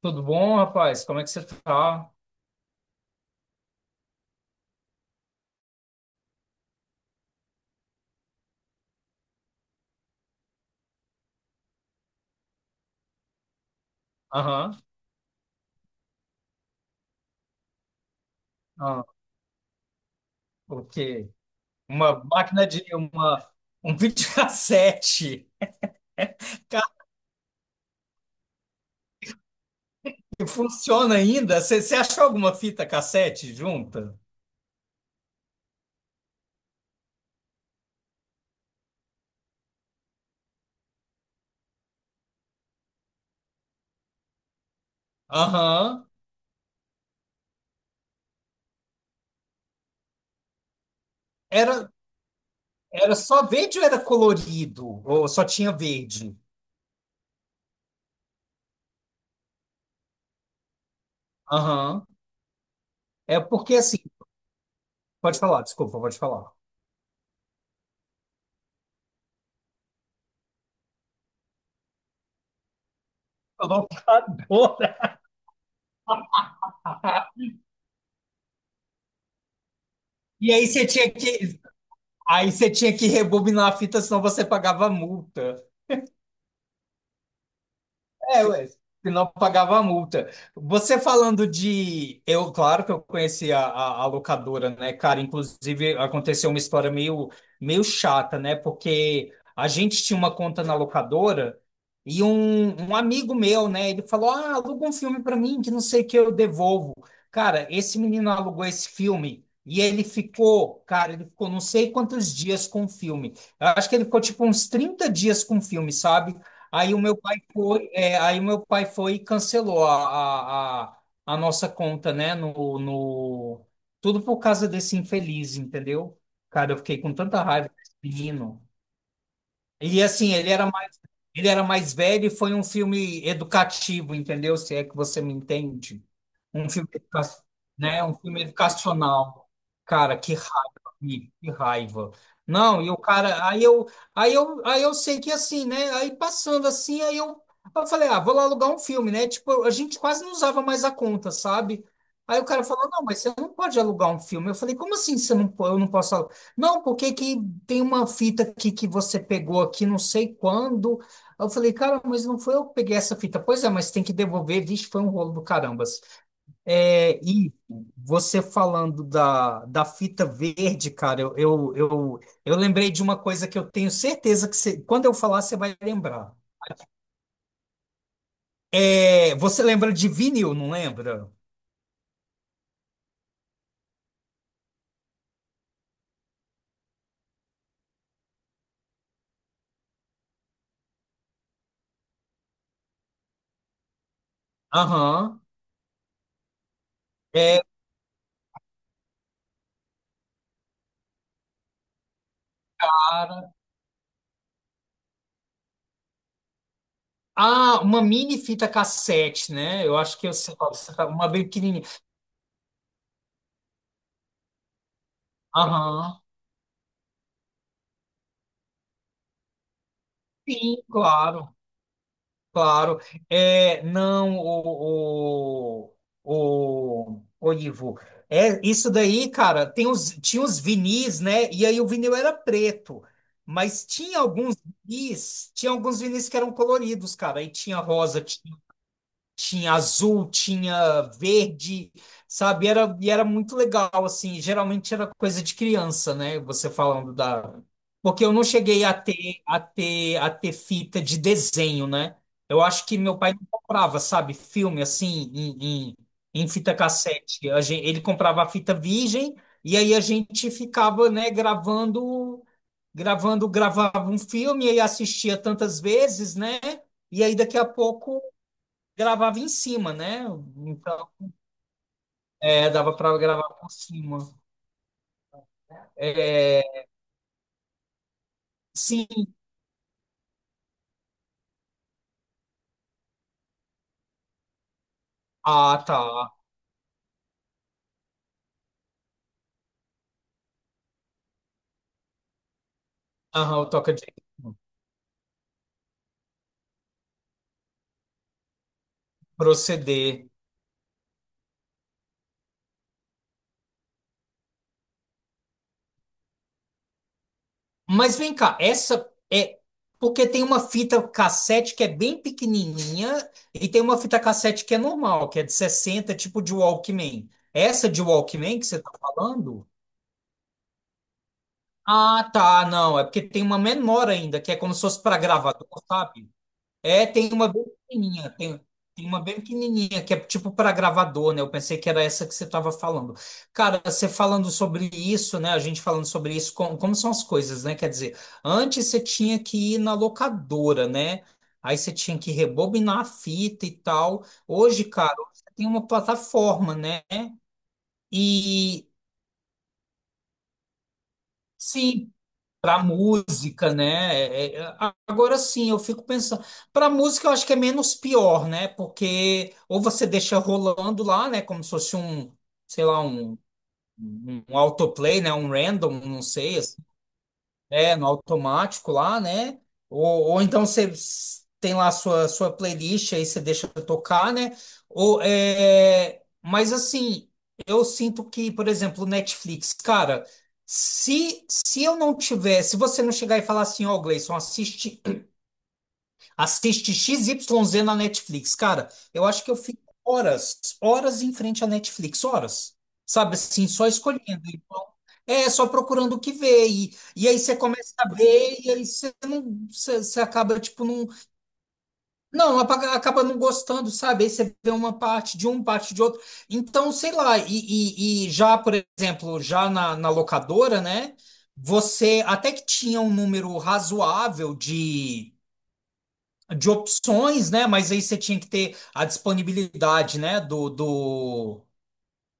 Tudo bom, rapaz? Como é que você tá? Aham. Ah, o quê? Uma máquina de uma um videocassete. Cara, que funciona ainda? Você achou alguma fita cassete junta? Aham. Era era só verde ou era colorido? Ou só tinha verde? Aham. É porque assim, pode falar, desculpa, pode falar. A locadora. E aí você tinha que rebobinar a fita, senão você pagava multa. É, ué, senão pagava a multa. Você falando de. Eu, claro que eu conheci a locadora, né, cara? Inclusive, aconteceu uma história meio chata, né? Porque a gente tinha uma conta na locadora e um amigo meu, né? Ele falou: "Ah, aluga um filme pra mim que não sei o que eu devolvo." Cara, esse menino alugou esse filme. E ele ficou, cara, ele ficou não sei quantos dias com o filme. Eu acho que ele ficou tipo uns 30 dias com o filme, sabe? Aí o meu aí meu pai foi e cancelou a nossa conta, né? No. Tudo por causa desse infeliz, entendeu? Cara, eu fiquei com tanta raiva desse menino. E assim, ele era mais velho e foi um filme educativo, entendeu? Se é que você me entende. Um filme, né? Um filme educacional. Cara, que raiva, amigo, que raiva. Não, e o cara, aí eu sei que assim, né? Aí passando assim, aí eu falei, ah, vou lá alugar um filme, né? Tipo, a gente quase não usava mais a conta, sabe? Aí o cara falou, não, mas você não pode alugar um filme. Eu falei, como assim você não, po- eu não posso alugar? Não, porque que tem uma fita aqui que você pegou aqui, não sei quando. Aí eu falei, cara, mas não foi eu que peguei essa fita. Pois é, mas tem que devolver. Vixe, foi um rolo do caramba assim. É, e você falando da fita verde, cara, eu lembrei de uma coisa que eu tenho certeza que você, quando eu falar, você vai lembrar. É, você lembra de vinil, não lembra? Aham. É, cara. Ah, uma mini fita cassete, né? Eu acho que eu sei qual que você tá, uma bem pequenininha. Aham. Sim, claro. Claro, é, não, o Ivo, é, isso daí, cara, tinha os vinis, né, e aí o vinil era preto, mas tinha alguns vinis que eram coloridos, cara, aí tinha rosa, tinha azul, tinha verde, sabe? E era muito legal, assim. Geralmente era coisa de criança, né? Você falando da. Porque eu não cheguei a ter, a ter fita de desenho, né? Eu acho que meu pai não comprava, sabe? Filme assim, em, em, em fita cassete. Ele comprava a fita virgem e aí a gente ficava, né, gravava um filme e aí assistia tantas vezes, né? E aí daqui a pouco gravava em cima, né? Então, é, dava para gravar por cima. É, sim. Ah, tá. Aham, o toca de proceder. Mas vem cá, essa é porque tem uma fita cassete que é bem pequenininha e tem uma fita cassete que é normal, que é de 60, tipo de Walkman. Essa de Walkman que você tá falando? Ah, tá, não, é porque tem uma menor ainda, que é como se fosse para gravador, sabe? É, tem uma bem pequenininha, tem uma bem pequenininha que é tipo para gravador, né? Eu pensei que era essa que você estava falando. Cara, você falando sobre isso, né? A gente falando sobre isso, como, são as coisas, né? Quer dizer, antes você tinha que ir na locadora, né? Aí você tinha que rebobinar a fita e tal. Hoje, cara, você tem uma plataforma, né? E sim, para música, né? É, é, agora sim, eu fico pensando. Para música, eu acho que é menos pior, né? Porque ou você deixa rolando lá, né? Como se fosse um, sei lá, um, um autoplay, né? Um random, não sei, é, no automático lá, né? Ou então você tem lá a sua, playlist, aí você deixa tocar, né? Ou, é. Mas assim, eu sinto que, por exemplo, o Netflix, cara, se você não chegar e falar assim, ó, Gleison, assiste XYZ na Netflix. Cara, eu acho que eu fico horas, horas em frente à Netflix, horas. Sabe assim, só escolhendo. Então, é, só procurando o que ver. E aí você começa a ver, e aí você não, você acaba, tipo, não. Não, acaba não gostando, sabe? Aí você vê uma parte de um, parte de outro. Então, sei lá, e já, por exemplo, já na locadora, né? Você até que tinha um número razoável de opções, né? Mas aí você tinha que ter a disponibilidade, né? Do, do,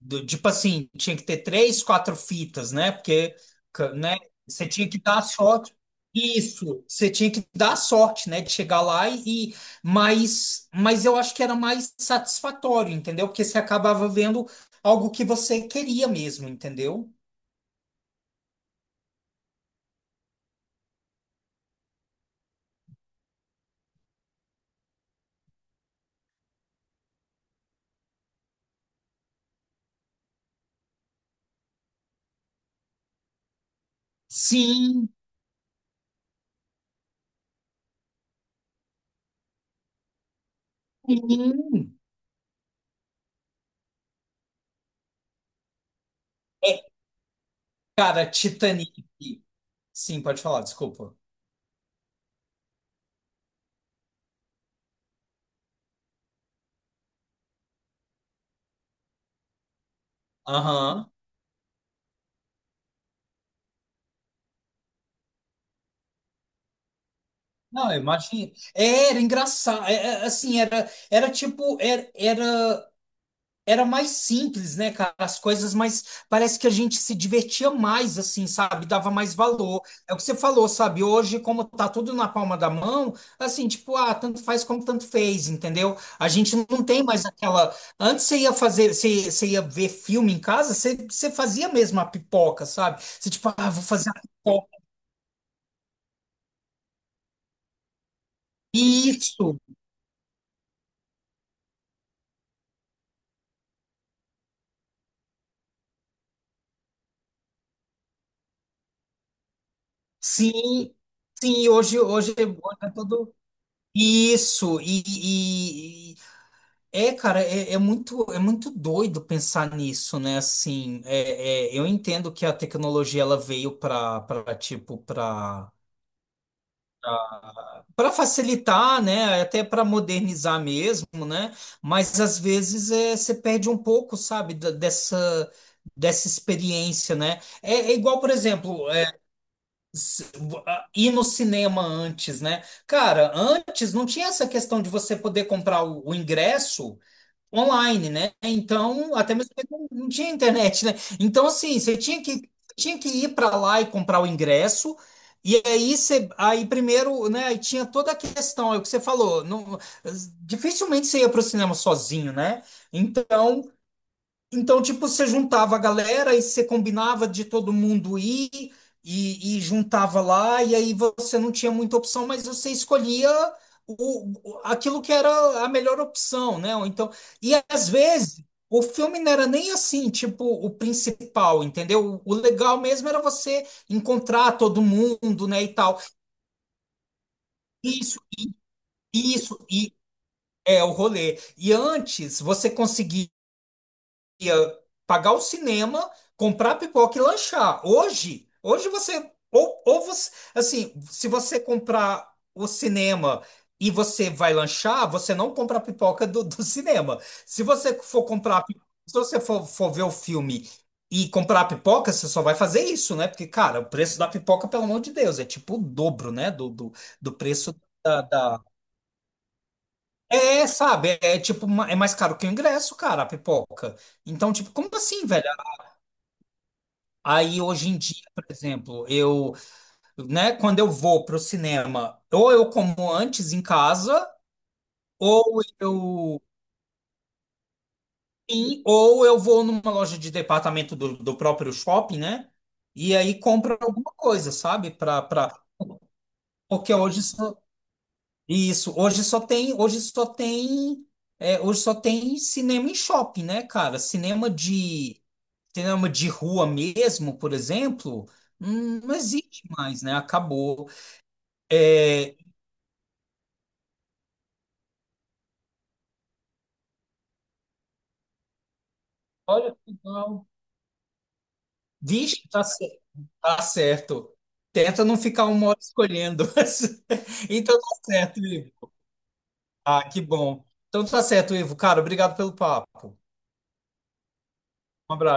do- Tipo assim, tinha que ter três, quatro fitas, né? Porque, né? Você tinha que dar sorte. Isso, você tinha que dar sorte, né? De chegar lá mas eu acho que era mais satisfatório, entendeu? Porque você acabava vendo algo que você queria mesmo, entendeu? Sim, sim. Cara, Titanic. Sim, pode falar, desculpa. Aham. Não, imagina. Era engraçado. Assim, era tipo, era mais simples, né, cara? As coisas, mas parece que a gente se divertia mais, assim, sabe? Dava mais valor. É o que você falou, sabe? Hoje, como tá tudo na palma da mão, assim, tipo, ah, tanto faz como tanto fez, entendeu? A gente não tem mais aquela. Antes você ia fazer, você ia ver filme em casa, você fazia mesmo a pipoca, sabe? Você, tipo, ah, vou fazer a pipoca. Isso! Sim, sim, hoje, hoje é todo isso, é, cara, é muito doido pensar nisso, né? Assim, eu entendo que a tecnologia ela veio para tipo para facilitar, né? Até para modernizar mesmo, né? Mas às vezes você perde um pouco, sabe, dessa experiência, né? É, é igual, por exemplo. Ir no cinema antes, né? Cara, antes não tinha essa questão de você poder comprar o ingresso online, né? Então, até mesmo porque não tinha internet, né? Então, assim, você tinha que ir para lá e comprar o ingresso. E aí, você, aí primeiro, né, aí tinha toda a questão, é o que você falou, não, dificilmente você ia para o cinema sozinho, né? Então, então, tipo, você juntava a galera e você combinava de todo mundo ir e juntava lá, e aí você não tinha muita opção, mas você escolhia aquilo que era a melhor opção, né? Ou então, e às vezes o filme não era nem assim, tipo, o principal, entendeu? O legal mesmo era você encontrar todo mundo, né, e tal. Isso, isso, e é o rolê. E antes você conseguia ia pagar o cinema, comprar pipoca e lanchar. Hoje você ou você, assim, se você comprar o cinema e você vai lanchar, você não compra a pipoca do cinema. Se você for comprar, pi- Se você for ver o filme e comprar a pipoca, você só vai fazer isso, né? Porque, cara, o preço da pipoca, pelo amor de Deus, é tipo o dobro, né? Do preço. da... da- É, sabe, é tipo, é mais caro que o ingresso, cara, a pipoca. Então, tipo, como assim, velho? Aí hoje em dia, por exemplo, eu, né, quando eu vou pro cinema, ou eu como antes em casa, ou eu, sim, ou eu vou numa loja de departamento do próprio shopping, né? E aí compro alguma coisa, sabe? Porque isso, hoje só tem, é, hoje só tem cinema em shopping, né, cara? Cinema de rua mesmo, por exemplo, não existe mais, né? Acabou. É, olha, então, diz que tá, tá certo. Tenta não ficar uma hora escolhendo. Então tá certo, Ivo. Ah, que bom. Então tá certo, Ivo. Cara, obrigado pelo papo. Um abraço.